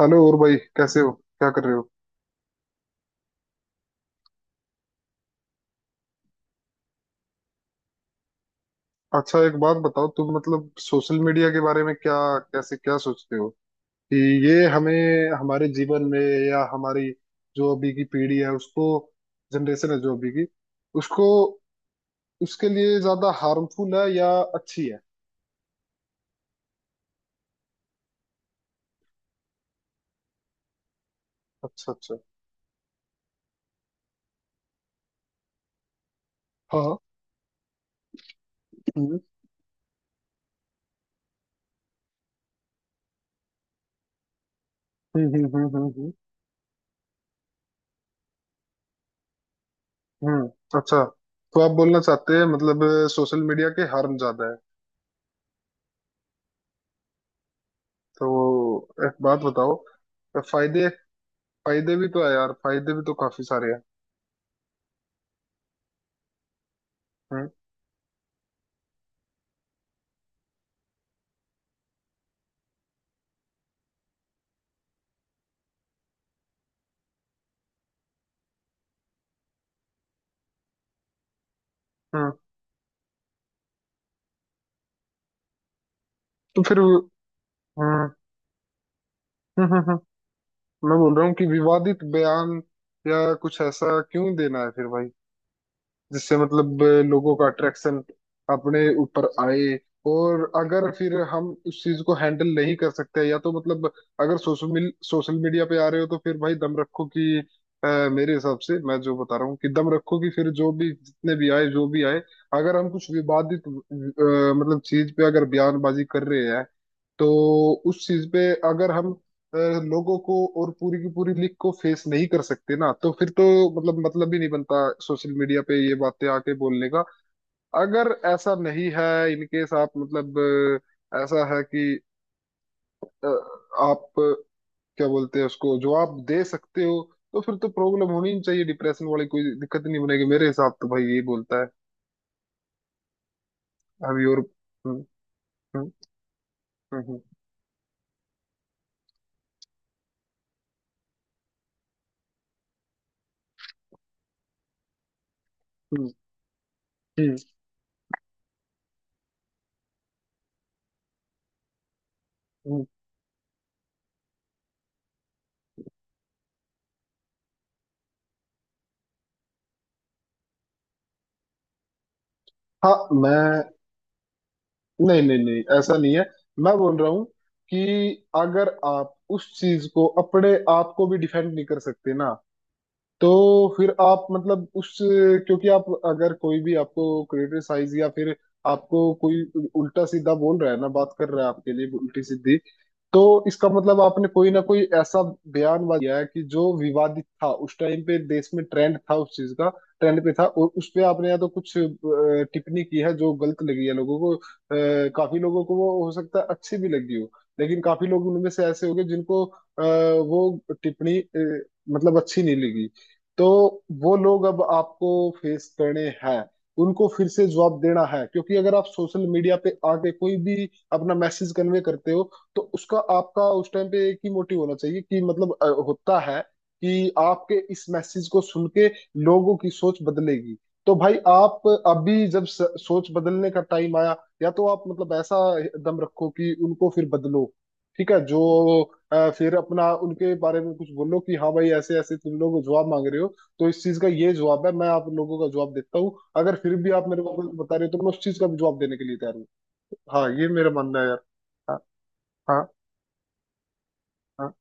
Hello. और भाई, कैसे हो? क्या कर रहे हो? अच्छा, एक बात बताओ, तुम मतलब सोशल मीडिया के बारे में क्या, कैसे क्या सोचते हो कि ये हमें हमारे जीवन में या हमारी जो अभी की पीढ़ी है उसको, जनरेशन है जो अभी की, उसको, उसके लिए ज्यादा हार्मफुल है या अच्छी है? अच्छा, अच्छा। हाँ। हम्म, हम्म, हम्म, हम्म, हम्म, हम्म। अच्छा, तो आप बोलना चाहते हैं मतलब सोशल मीडिया के हार्म ज्यादा है। तो एक बात बताओ, फायदे, फायदे भी तो है यार, फायदे भी तो काफी सारे हैं। हम्म, हम्म। तो फिर हम्म, हम्म, हम्म, हम्म। मैं बोल रहा हूँ कि विवादित बयान या कुछ ऐसा क्यों देना है फिर भाई, जिससे मतलब लोगों का अट्रैक्शन अपने ऊपर आए। और अगर फिर हम उस चीज को हैंडल नहीं कर सकते, या तो मतलब अगर सोशल मीडिया पे आ रहे हो तो फिर भाई दम रखो कि मेरे हिसाब से मैं जो बता रहा हूँ कि दम रखो कि फिर जो भी, जितने भी आए, जो भी आए। अगर हम कुछ विवादित मतलब चीज पे अगर बयानबाजी कर रहे हैं तो उस चीज पे अगर हम अ, लोगों को और पूरी की पूरी लीग को फेस नहीं कर सकते ना तो फिर तो मतलब ही नहीं बनता सोशल मीडिया पे ये बातें आके बोलने का। अगर ऐसा नहीं है, इनकेस आप मतलब ऐसा है कि अ, आप क्या बोलते हैं उसको जवाब दे सकते हो, तो फिर तो प्रॉब्लम होनी ही नहीं चाहिए, डिप्रेशन वाली कोई दिक्कत नहीं बनेगी, मेरे हिसाब तो भाई यही बोलता है। अभी और हम्म, हम्म, हम्म, हम्म, हम्म। हम्म। हाँ। मैं नहीं, नहीं, नहीं, ऐसा नहीं है। मैं बोल रहा हूँ कि अगर आप उस चीज को, अपने आप को भी डिफेंड नहीं कर सकते ना तो फिर आप मतलब उस, क्योंकि आप अगर कोई भी आपको क्रिटिसाइज या फिर आपको कोई उल्टा सीधा बोल रहा है ना, बात कर रहा है आपके लिए उल्टी सीधी, तो इसका मतलब आपने कोई ना कोई ऐसा बयान दिया है कि जो विवादित था उस टाइम पे, देश में ट्रेंड था उस चीज का, ट्रेंड पे था, और उस पे आपने या तो कुछ टिप्पणी की है जो गलत लगी है लोगों को, काफी लोगों को वो हो सकता है अच्छी भी लगी हो, लेकिन काफी लोग उनमें से ऐसे होंगे जिनको वो टिप्पणी मतलब अच्छी नहीं लगी। तो वो लोग अब आपको फेस करने हैं, उनको फिर से जवाब देना है, क्योंकि अगर आप सोशल मीडिया पे आके कोई भी अपना मैसेज कन्वे करते हो तो उसका, आपका उस टाइम पे एक ही मोटिव होना चाहिए कि मतलब होता है कि आपके इस मैसेज को सुन के लोगों की सोच बदलेगी। तो भाई आप अभी जब सोच बदलने का टाइम आया, या तो आप मतलब ऐसा दम रखो कि उनको फिर बदलो। ठीक है, जो फिर अपना उनके बारे में कुछ बोलो कि हाँ भाई, ऐसे ऐसे तुम लोग जवाब मांग रहे हो तो इस चीज का ये जवाब है, मैं आप लोगों का जवाब देता हूँ, अगर फिर भी आप मेरे को कुछ बता रहे हो तो मैं उस चीज का भी जवाब देने के लिए तैयार हूँ। हाँ, ये मेरा मानना है यार। हाँ, हाँ, हाँ।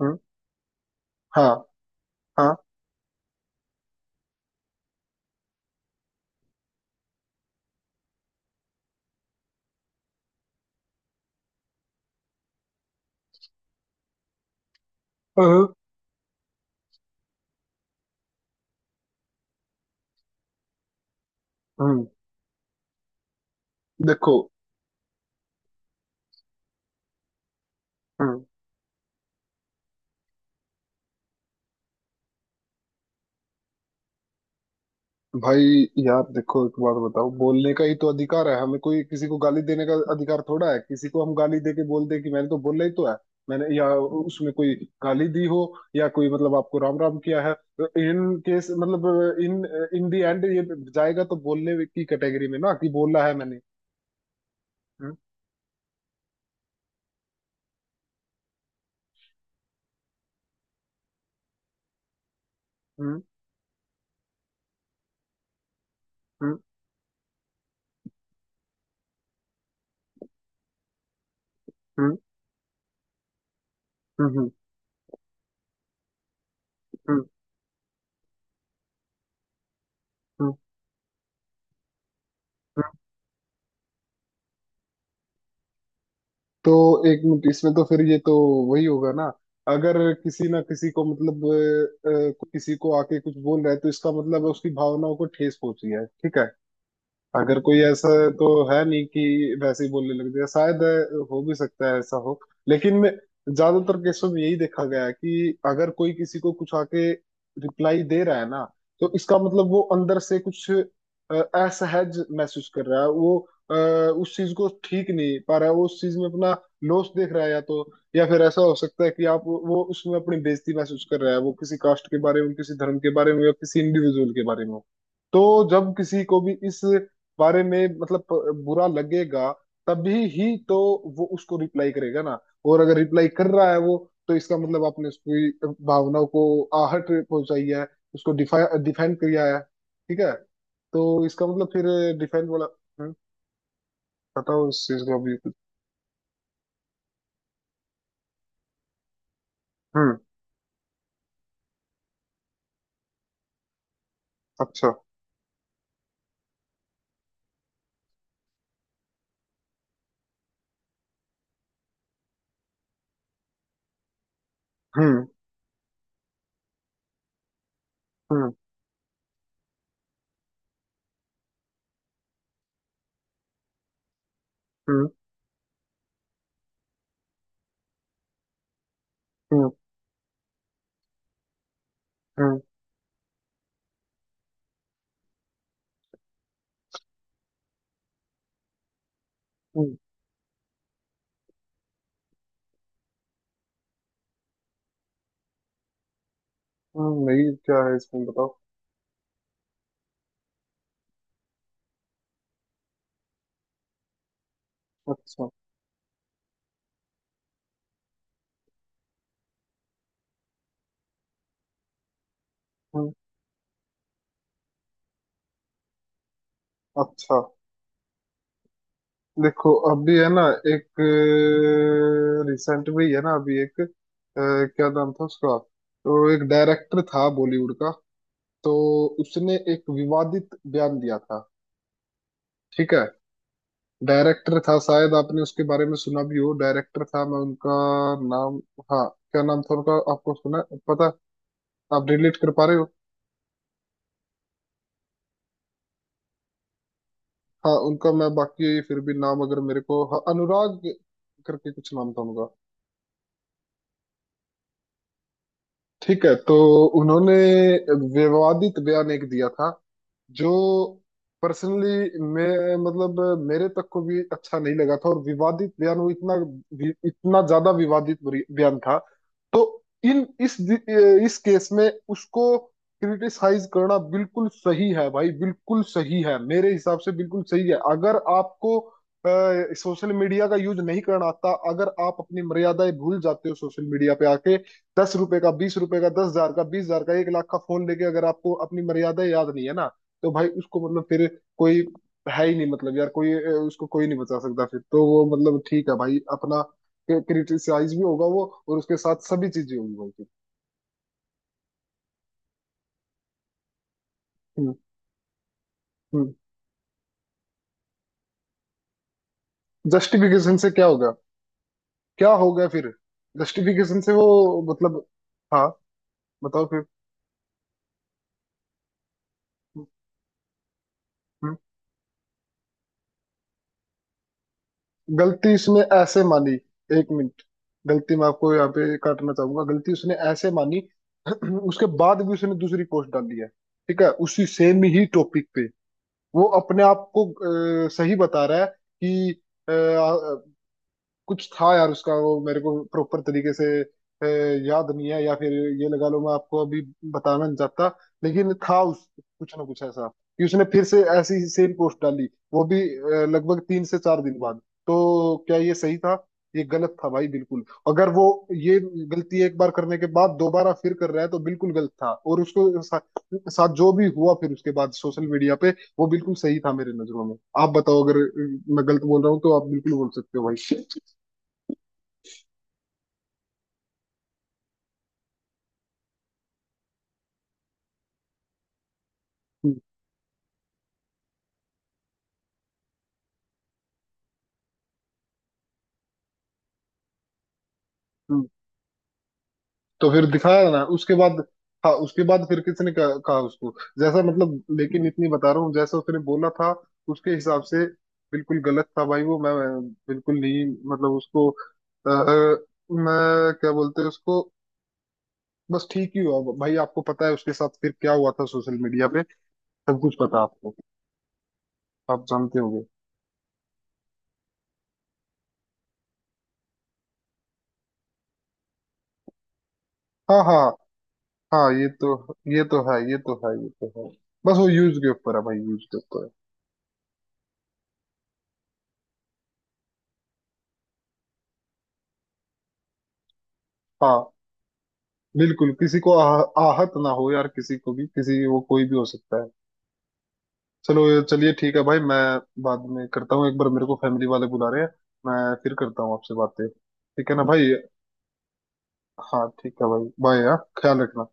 हम्म, हाँ, हाँ। हम्म, हम्म। देखो भाई, यार देखो, एक बात बताओ, बोलने का ही तो अधिकार है हमें, कोई किसी को गाली देने का अधिकार थोड़ा है? किसी को हम गाली दे के बोल दे कि मैंने तो बोला ही तो है, मैंने, या उसमें कोई गाली दी हो, या कोई मतलब आपको राम राम किया है, तो इन केस मतलब इन, इन दी एंड ये जाएगा तो बोलने की कैटेगरी में, ना कि बोला है मैंने। हम्म, हम्म, हम्म, हम्म, हम्म, हम्म, हम्म, हम्म। तो एक मिनट, इसमें तो फिर ये तो वही होगा ना। अगर किसी ना किसी को मतलब किसी को आके कुछ बोल रहा है तो इसका मतलब है उसकी भावनाओं को ठेस पहुंची है, ठीक है? अगर कोई ऐसा तो है नहीं कि वैसे ही बोलने लग जाए, शायद हो भी सकता है ऐसा हो, लेकिन ज्यादातर केसों में यही देखा गया है कि अगर कोई किसी को कुछ आके रिप्लाई दे रहा है ना, तो इसका मतलब वो अंदर से कुछ असहज महसूस कर रहा है, वो उस चीज को ठीक नहीं पा रहा है, वो उस चीज में अपना लॉस देख रहा है, या तो या फिर ऐसा हो सकता है कि आप वो उसमें अपनी बेइज्जती महसूस कर रहा है, वो किसी कास्ट के बारे में, किसी धर्म के बारे में, या किसी इंडिविजुअल के बारे में। तो जब किसी को भी इस बारे में मतलब बुरा लगेगा, तभी ही तो वो उसको रिप्लाई करेगा ना। और अगर रिप्लाई कर रहा है वो, तो इसका मतलब आपने उसकी भावनाओं को आहट पहुंचाई है, उसको डिफा डिफेंड किया है, ठीक है? तो इसका मतलब फिर डिफेंड वाला। हम्म। बताओ इस चीज को अभी कुछ। हम्म। अच्छा। हम्म, हम्म, हम्म, हम्म, हम्म, हम्म, हम्म। नहीं, क्या है इसमें? बताओ। अच्छा। हम्म। अच्छा। देखो अभी है ना, एक रिसेंट में ही है ना, अभी एक क्या नाम था उसका, तो एक डायरेक्टर था बॉलीवुड का, तो उसने एक विवादित बयान दिया था, ठीक है? डायरेक्टर था, शायद आपने उसके बारे में सुना भी हो। डायरेक्टर था, मैं उनका नाम, हाँ, क्या नाम था उनका, आपको सुना है? पता? आप रिलेट कर पा रहे हो? हाँ, उनका मैं बाकी फिर भी नाम अगर मेरे को, हाँ, अनुराग करके कुछ नाम था उनका। ठीक है, तो उन्होंने विवादित बयान एक दिया था, जो पर्सनली मैं मतलब मेरे तक को भी अच्छा नहीं लगा था, और विवादित बयान वो इतना, इतना ज्यादा विवादित बयान था। तो इन इस केस में उसको क्रिटिसाइज करना बिल्कुल सही है भाई, बिल्कुल सही है, मेरे हिसाब से बिल्कुल सही है। अगर आपको सोशल मीडिया का यूज नहीं करना आता, अगर आप अपनी मर्यादाएं भूल जाते हो सोशल मीडिया पे आके, 10 रुपए का, 20 रुपए का, 10 हजार का, 20 हजार का, 1 लाख का फोन लेके, अगर आपको अपनी मर्यादा याद नहीं है ना, तो भाई उसको मतलब फिर कोई है ही नहीं, मतलब यार कोई उसको कोई नहीं बचा सकता फिर, तो वो मतलब ठीक है भाई, अपना क्रिटिसाइज भी होगा वो और उसके साथ सभी चीजें होंगी भाई फिर। हम्म, हम्म। जस्टिफिकेशन से क्या होगा? क्या होगा फिर जस्टिफिकेशन से? वो मतलब, हाँ बताओ फिर। हम्म। गलती उसने ऐसे मानी, एक मिनट, गलती मैं आपको यहाँ पे काटना चाहूंगा, गलती उसने ऐसे मानी, उसके बाद भी उसने दूसरी पोस्ट डाली है, ठीक है? उसी सेम ही टॉपिक पे, वो अपने आप को सही बता रहा है कि अ, कुछ था यार उसका, वो मेरे को प्रॉपर तरीके से याद नहीं है, या फिर ये लगा लो मैं आपको अभी बताना नहीं चाहता। लेकिन था उस कुछ ना कुछ ऐसा कि उसने फिर से ऐसी सेम पोस्ट डाली, वो भी लगभग 3 से 4 दिन बाद। तो क्या ये सही था? ये गलत था भाई, बिल्कुल। अगर वो ये गलती एक बार करने के बाद दोबारा फिर कर रहा है तो बिल्कुल गलत था, और उसको साथ जो भी हुआ फिर उसके बाद सोशल मीडिया पे, वो बिल्कुल सही था मेरी नजरों में। आप बताओ अगर मैं गलत बोल रहा हूँ तो आप बिल्कुल बोल सकते हो भाई। हम्म, हम्म। तो फिर दिखाया ना उसके बाद। हाँ, उसके बाद फिर किसने कहा, कहा उसको जैसा, मतलब लेकिन इतनी बता रहा हूँ जैसा उसने बोला था, उसके हिसाब से बिल्कुल गलत था भाई वो। मैं बिल्कुल नहीं, मतलब उसको आ, मैं क्या बोलते हैं उसको, बस ठीक ही हुआ भाई। आपको पता है उसके साथ फिर क्या हुआ था सोशल मीडिया पे? सब कुछ पता है आपको, आप जानते होंगे। हाँ, हाँ, हाँ, ये तो, ये तो है, ये तो है, ये तो है। बस वो यूज के ऊपर है भाई, यूज के ऊपर है। हाँ, बिल्कुल किसी को आहत ना हो यार, किसी को भी, किसी, वो कोई भी हो सकता है। चलो चलिए, ठीक है भाई, मैं बाद में करता हूँ, एक बार मेरे को फैमिली वाले बुला रहे हैं, मैं फिर करता हूँ आपसे बातें, ठीक है ना भाई? हाँ ठीक है भाई, बाय यार, ख्याल रखना।